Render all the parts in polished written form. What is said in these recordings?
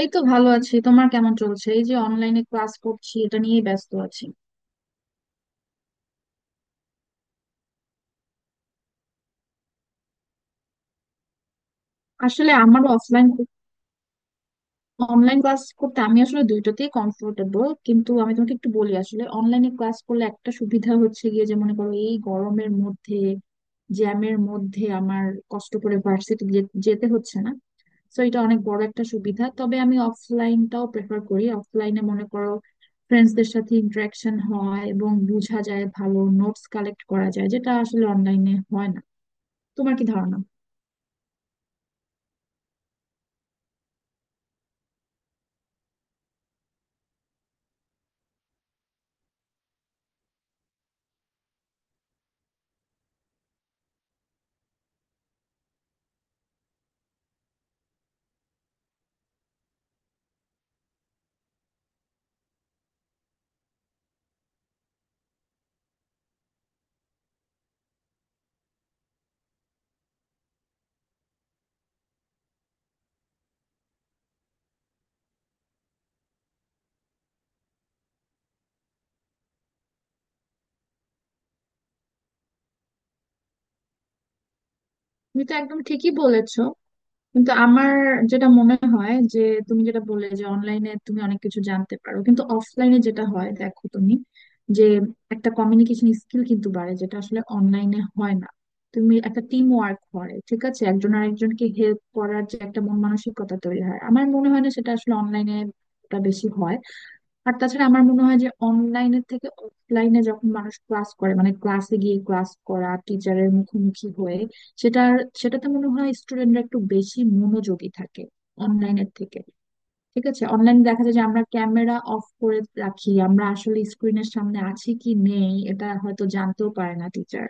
এই তো ভালো আছি। তোমার কেমন চলছে? এই যে অনলাইনে ক্লাস করছি, এটা নিয়েই ব্যস্ত আছি। আসলে আমার অফলাইন অনলাইন ক্লাস করতে, আমি আসলে দুইটাতেই কমফোর্টেবল। কিন্তু আমি তোমাকে একটু বলি, আসলে অনলাইনে ক্লাস করলে একটা সুবিধা হচ্ছে গিয়ে যে, মনে করো এই গরমের মধ্যে জ্যামের মধ্যে আমার কষ্ট করে ভার্সিটি যেতে হচ্ছে না। তো এটা অনেক বড় একটা সুবিধা। তবে আমি অফলাইনটাও প্রেফার করি। অফলাইনে মনে করো ফ্রেন্ডসদের সাথে ইন্টারাকশন হয় এবং বোঝা যায়, ভালো নোটস কালেক্ট করা যায়, যেটা আসলে অনলাইনে হয় না। তোমার কি ধারণা? তুমি তো একদম ঠিকই বলেছো। কিন্তু আমার যেটা মনে হয় যে, তুমি যেটা বললে যে অনলাইনে তুমি অনেক কিছু জানতে পারো, কিন্তু অফলাইনে যেটা হয়, দেখো তুমি যে একটা কমিউনিকেশন স্কিল কিন্তু বাড়ে, যেটা আসলে অনলাইনে হয় না। তুমি একটা টিম ওয়ার্ক করে, ঠিক আছে, একজন আরেকজনকে হেল্প করার যে একটা মন মানসিকতা তৈরি হয়, আমার মনে হয় না সেটা আসলে অনলাইনে বেশি হয়। আর তাছাড়া আমার মনে হয় যে, অনলাইনের থেকে অফলাইনে যখন মানুষ ক্লাস করে, মানে ক্লাসে গিয়ে ক্লাস করা, টিচারের মুখোমুখি হয়ে সেটার সেটাতে মনে হয় স্টুডেন্টরা একটু বেশি মনোযোগী থাকে, অনলাইনের থেকে। ঠিক আছে, অনলাইনে দেখা যায় যে আমরা ক্যামেরা অফ করে রাখি, আমরা আসলে স্ক্রিনের সামনে আছি কি নেই এটা হয়তো জানতেও পারে না টিচার।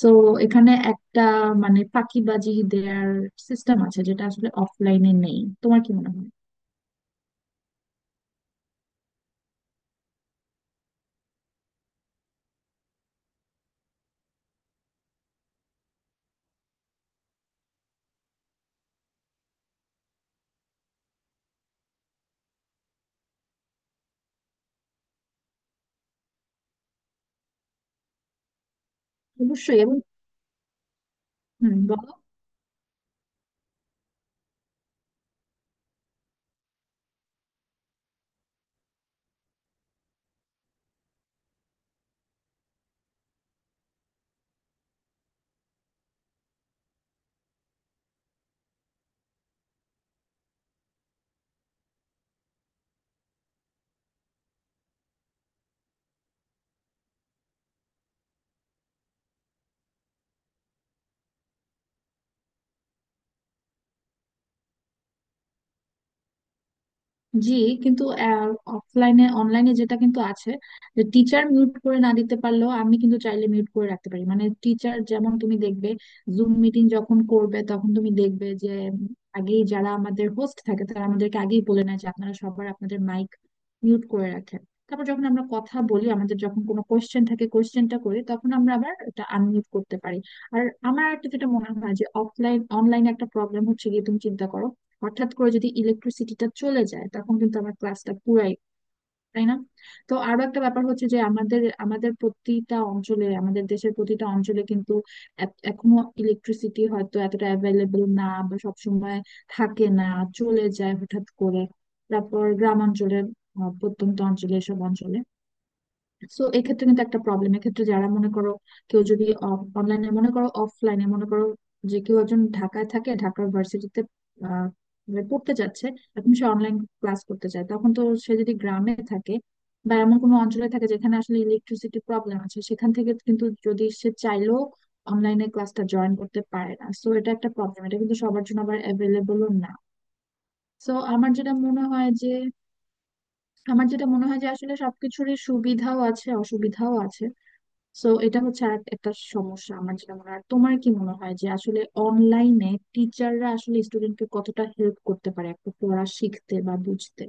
সো এখানে একটা মানে ফাঁকিবাজি দেওয়ার সিস্টেম আছে, যেটা আসলে অফলাইনে নেই। তোমার কি মনে হয়? অবশ্যই এবং। হম। জি। কিন্তু অফলাইনে অনলাইনে যেটা কিন্তু আছে যে, টিচার মিউট করে না দিতে পারলেও আমি কিন্তু চাইলে মিউট করে রাখতে পারি। মানে টিচার যেমন তুমি দেখবে জুম মিটিং যখন করবে তখন তুমি দেখবে যে, উম, আগেই যারা আমাদের হোস্ট থাকে তারা আমাদেরকে আগেই বলে নেয় যে, আপনারা সবার আপনাদের মাইক মিউট করে রাখেন। তারপর যখন আমরা কথা বলি, আমাদের যখন কোনো কোয়েশ্চেন থাকে, কোয়েশ্চেনটা করি, তখন আমরা আবার এটা আনমিউট করতে পারি। আর আমার একটা যেটা মনে হয় যে, অফলাইন অনলাইনে একটা প্রবলেম হচ্ছে গিয়ে, তুমি চিন্তা করো হঠাৎ করে যদি ইলেকট্রিসিটিটা চলে যায়, তখন কিন্তু আমার ক্লাসটা পুরাই। তাই না? তো আরো একটা ব্যাপার হচ্ছে যে, আমাদের আমাদের প্রতিটা অঞ্চলে, আমাদের দেশের প্রতিটা অঞ্চলে কিন্তু এখনো ইলেকট্রিসিটি হয়তো এতটা অ্যাভেলেবল না, বা সবসময় থাকে না, চলে যায় হঠাৎ করে। তারপর গ্রামাঞ্চলে, প্রত্যন্ত অঞ্চলে এসব অঞ্চলে, সো এক্ষেত্রে কিন্তু একটা প্রবলেম। এক্ষেত্রে যারা মনে করো, কেউ যদি অনলাইনে মনে করো, অফলাইনে মনে করো যে কেউ একজন ঢাকায় থাকে, ঢাকার ভার্সিটিতে পড়তে যাচ্ছে, এখন সে অনলাইন ক্লাস করতে চায়, তখন তো সে যদি গ্রামে থাকে বা এমন কোনো অঞ্চলে থাকে যেখানে আসলে ইলেকট্রিসিটি প্রবলেম আছে, সেখান থেকে কিন্তু যদি সে চাইলেও অনলাইনে ক্লাসটা জয়েন করতে পারে না। সো এটা একটা প্রবলেম, এটা কিন্তু সবার জন্য আবার অ্যাভেলেবলও না। সো আমার যেটা মনে হয় যে আসলে সবকিছুরই সুবিধাও আছে, অসুবিধাও আছে। সো এটা হচ্ছে আর একটা সমস্যা, আমার যেটা মনে হয়। আর তোমার কি মনে হয় যে আসলে অনলাইনে টিচাররা আসলে স্টুডেন্টকে কতটা হেল্প করতে পারে একটা পড়া শিখতে বা বুঝতে?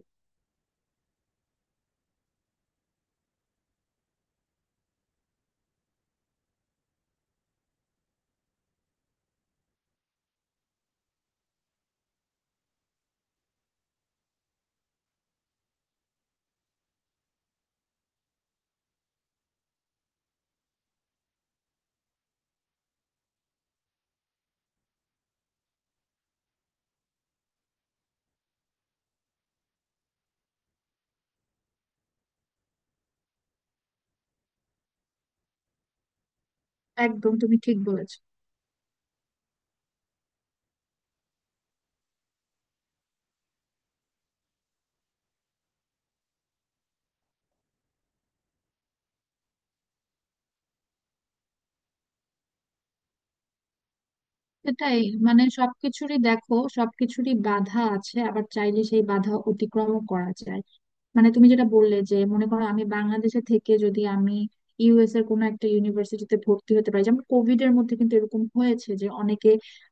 একদম তুমি ঠিক বলেছো। সেটাই, মানে সবকিছুরই দেখো সবকিছুরই বাধা আছে, আবার চাইলে সেই বাধা অতিক্রম করা যায়। মানে তুমি যেটা বললে যে, মনে করো আমি বাংলাদেশে থেকে যদি আমি ইউএস এর কোনো একটা ইউনিভার্সিটিতে ভর্তি হতে পারি। যেমন কোভিড এর মধ্যে কিন্তু এরকম হয়েছে যে অনেকে,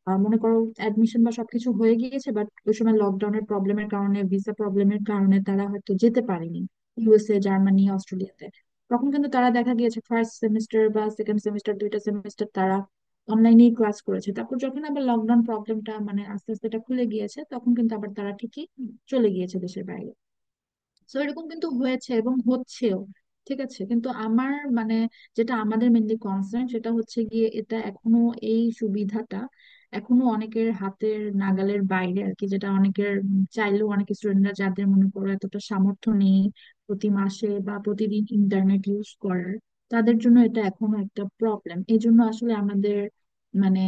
মনে করো অ্যাডমিশন বা সবকিছু হয়ে গিয়েছে, বাট ওই সময় লকডাউনের প্রবলেমের কারণে, ভিসা প্রবলেমের কারণে তারা হয়তো যেতে পারেনি ইউএসএ, জার্মানি, অস্ট্রেলিয়াতে। তখন কিন্তু তারা দেখা গিয়েছে ফার্স্ট সেমিস্টার বা সেকেন্ড সেমিস্টার, দুইটা সেমিস্টার তারা অনলাইনেই ক্লাস করেছে। তারপর যখন আবার লকডাউন প্রবলেমটা মানে আস্তে আস্তে এটা খুলে গিয়েছে, তখন কিন্তু আবার তারা ঠিকই চলে গিয়েছে দেশের বাইরে। তো এরকম কিন্তু হয়েছে এবং হচ্ছেও। ঠিক আছে, কিন্তু আমার মানে যেটা আমাদের মেনলি কনসার্ন, সেটা হচ্ছে গিয়ে এটা এখনো, এই সুবিধাটা এখনো অনেকের হাতের নাগালের বাইরে আর কি। যেটা অনেকের চাইলেও, অনেক স্টুডেন্টরা যাদের মনে করো এতটা সামর্থ্য নেই প্রতি মাসে বা প্রতিদিন ইন্টারনেট ইউজ করার, তাদের জন্য এটা এখনো একটা প্রবলেম। এই জন্য আসলে আমাদের মানে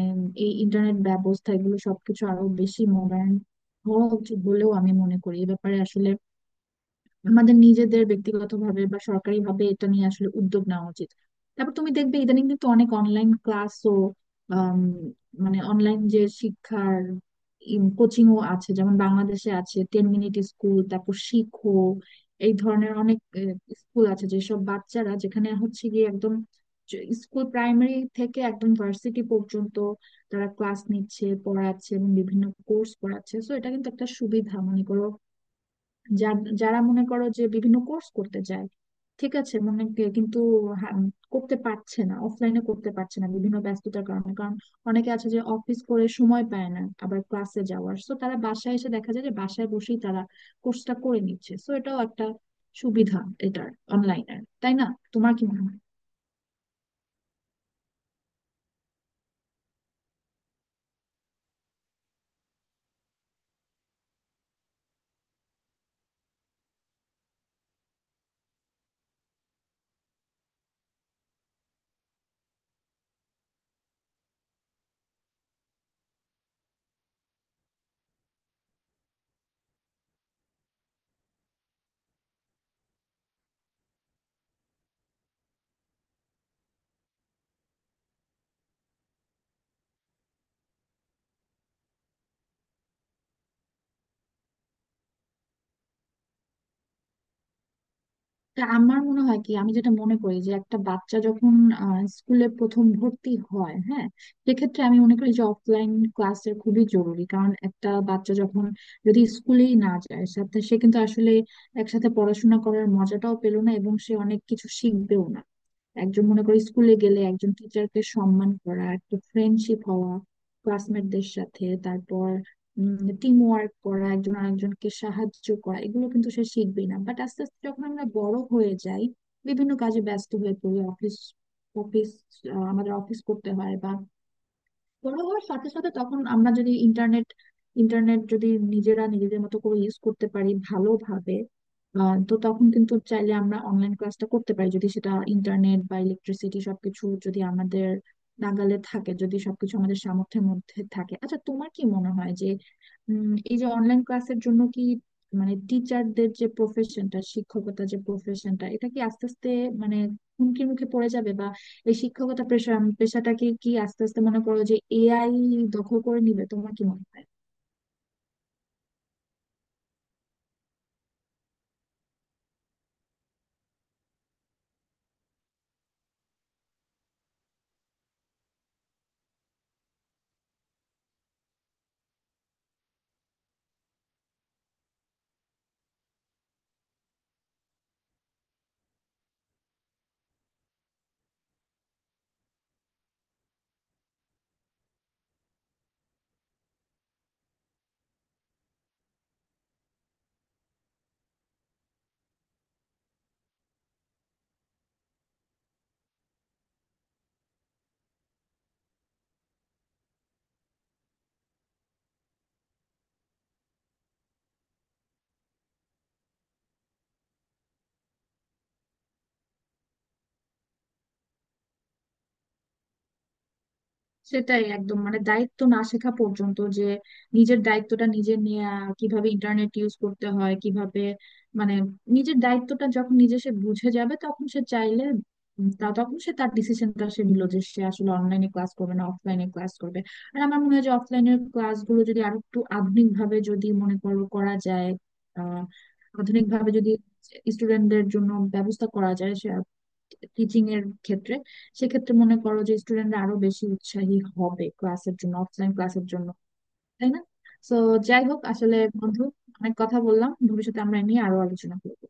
এই ইন্টারনেট ব্যবস্থা এগুলো সবকিছু আরো বেশি মডার্ন হওয়া উচিত বলেও আমি মনে করি। এ ব্যাপারে আসলে আমাদের নিজেদের ব্যক্তিগতভাবে বা সরকারিভাবে এটা নিয়ে আসলে উদ্যোগ নেওয়া উচিত। তারপর তুমি দেখবে ইদানিং কিন্তু অনেক অনলাইন ক্লাসও, মানে অনলাইন যে শিক্ষার কোচিং ও আছে। যেমন বাংলাদেশে আছে টেন মিনিট স্কুল, তারপর শিখো, এই ধরনের অনেক স্কুল আছে। যেসব বাচ্চারা, যেখানে হচ্ছে গিয়ে একদম স্কুল প্রাইমারি থেকে একদম ভার্সিটি পর্যন্ত তারা ক্লাস নিচ্ছে, পড়াচ্ছে এবং বিভিন্ন কোর্স পড়াচ্ছে। সো এটা কিন্তু একটা সুবিধা মনে করো, যারা মনে করো যে বিভিন্ন কোর্স করতে চায়, ঠিক আছে, কিন্তু হা- করতে পারছে না, অফলাইনে করতে পারছে না বিভিন্ন ব্যস্ততার কারণে। কারণ অনেকে আছে যে অফিস করে সময় পায় না আবার ক্লাসে যাওয়ার, সো তারা বাসায় এসে দেখা যায় যে বাসায় বসেই তারা কোর্সটা করে নিচ্ছে। সো এটাও একটা সুবিধা এটার, অনলাইনের। তাই না? তোমার কি মনে হয়? তা আমার মনে হয় কি, আমি যেটা মনে করি যে একটা বাচ্চা যখন স্কুলে প্রথম ভর্তি হয়, হ্যাঁ, সেক্ষেত্রে আমি মনে করি যে অফলাইন ক্লাসের খুবই জরুরি। কারণ একটা বাচ্চা যখন যদি স্কুলেই না যায় সাথে, সে কিন্তু আসলে একসাথে পড়াশোনা করার মজাটাও পেলো না, এবং সে অনেক কিছু শিখবেও না। একজন মনে করি স্কুলে গেলে একজন টিচারকে সম্মান করা, একটা ফ্রেন্ডশিপ হওয়া ক্লাসমেটদের সাথে, তারপর টিম ওয়ার্ক করা, একজন আরেকজনকে সাহায্য করা, এগুলো কিন্তু সে শিখবেই না। বাট আস্তে আস্তে যখন আমরা বড় হয়ে যাই, বিভিন্ন কাজে ব্যস্ত হয়ে পড়ি, অফিস অফিস আমাদের অফিস করতে হয় বা বড় হওয়ার সাথে সাথে, তখন আমরা যদি ইন্টারনেট ইন্টারনেট যদি নিজেরা নিজেদের মতো করে ইউজ করতে পারি ভালোভাবে, তো তখন কিন্তু চাইলে আমরা অনলাইন ক্লাসটা করতে পারি, যদি সেটা ইন্টারনেট বা ইলেকট্রিসিটি সবকিছু যদি আমাদের নাগালে থাকে, যদি সবকিছু আমাদের সামর্থ্যের মধ্যে থাকে। আচ্ছা তোমার কি মনে হয় যে, এই যে অনলাইন ক্লাসের জন্য কি, মানে টিচারদের যে প্রফেশনটা, শিক্ষকতা যে প্রফেশনটা, এটা কি আস্তে আস্তে মানে হুমকির মুখে পড়ে যাবে? এই শিক্ষকতা পেশা, পেশাটাকে কি আস্তে আস্তে মনে করো যে এআই দখল করে নিবে? তোমার কি মনে হয়? সেটাই একদম, মানে দায়িত্ব না শেখা পর্যন্ত যে নিজের দায়িত্বটা নিজে নেয়া, কিভাবে ইন্টারনেট ইউজ করতে হয়, কিভাবে মানে নিজের দায়িত্বটা যখন নিজে সে বুঝে যাবে তখন সে চাইলে, তা তখন সে তার ডিসিশনটা সে নিল যে সে আসলে অনলাইনে ক্লাস করবে না অফলাইনে ক্লাস করবে। আর আমার মনে হয় যে অফলাইনের ক্লাসগুলো যদি আরো একটু আধুনিক ভাবে যদি মনে করো করা যায়, আহ আধুনিক ভাবে যদি স্টুডেন্টদের জন্য ব্যবস্থা করা যায়, সে টিচিং এর ক্ষেত্রে, সেক্ষেত্রে মনে করো যে স্টুডেন্টরা আরো বেশি উৎসাহী হবে ক্লাসের জন্য, অফলাইন ক্লাসের জন্য। তাই না? তো যাই হোক, আসলে বন্ধু, অনেক কথা বললাম, ভবিষ্যতে আমরা এ নিয়ে আরো আলোচনা করবো।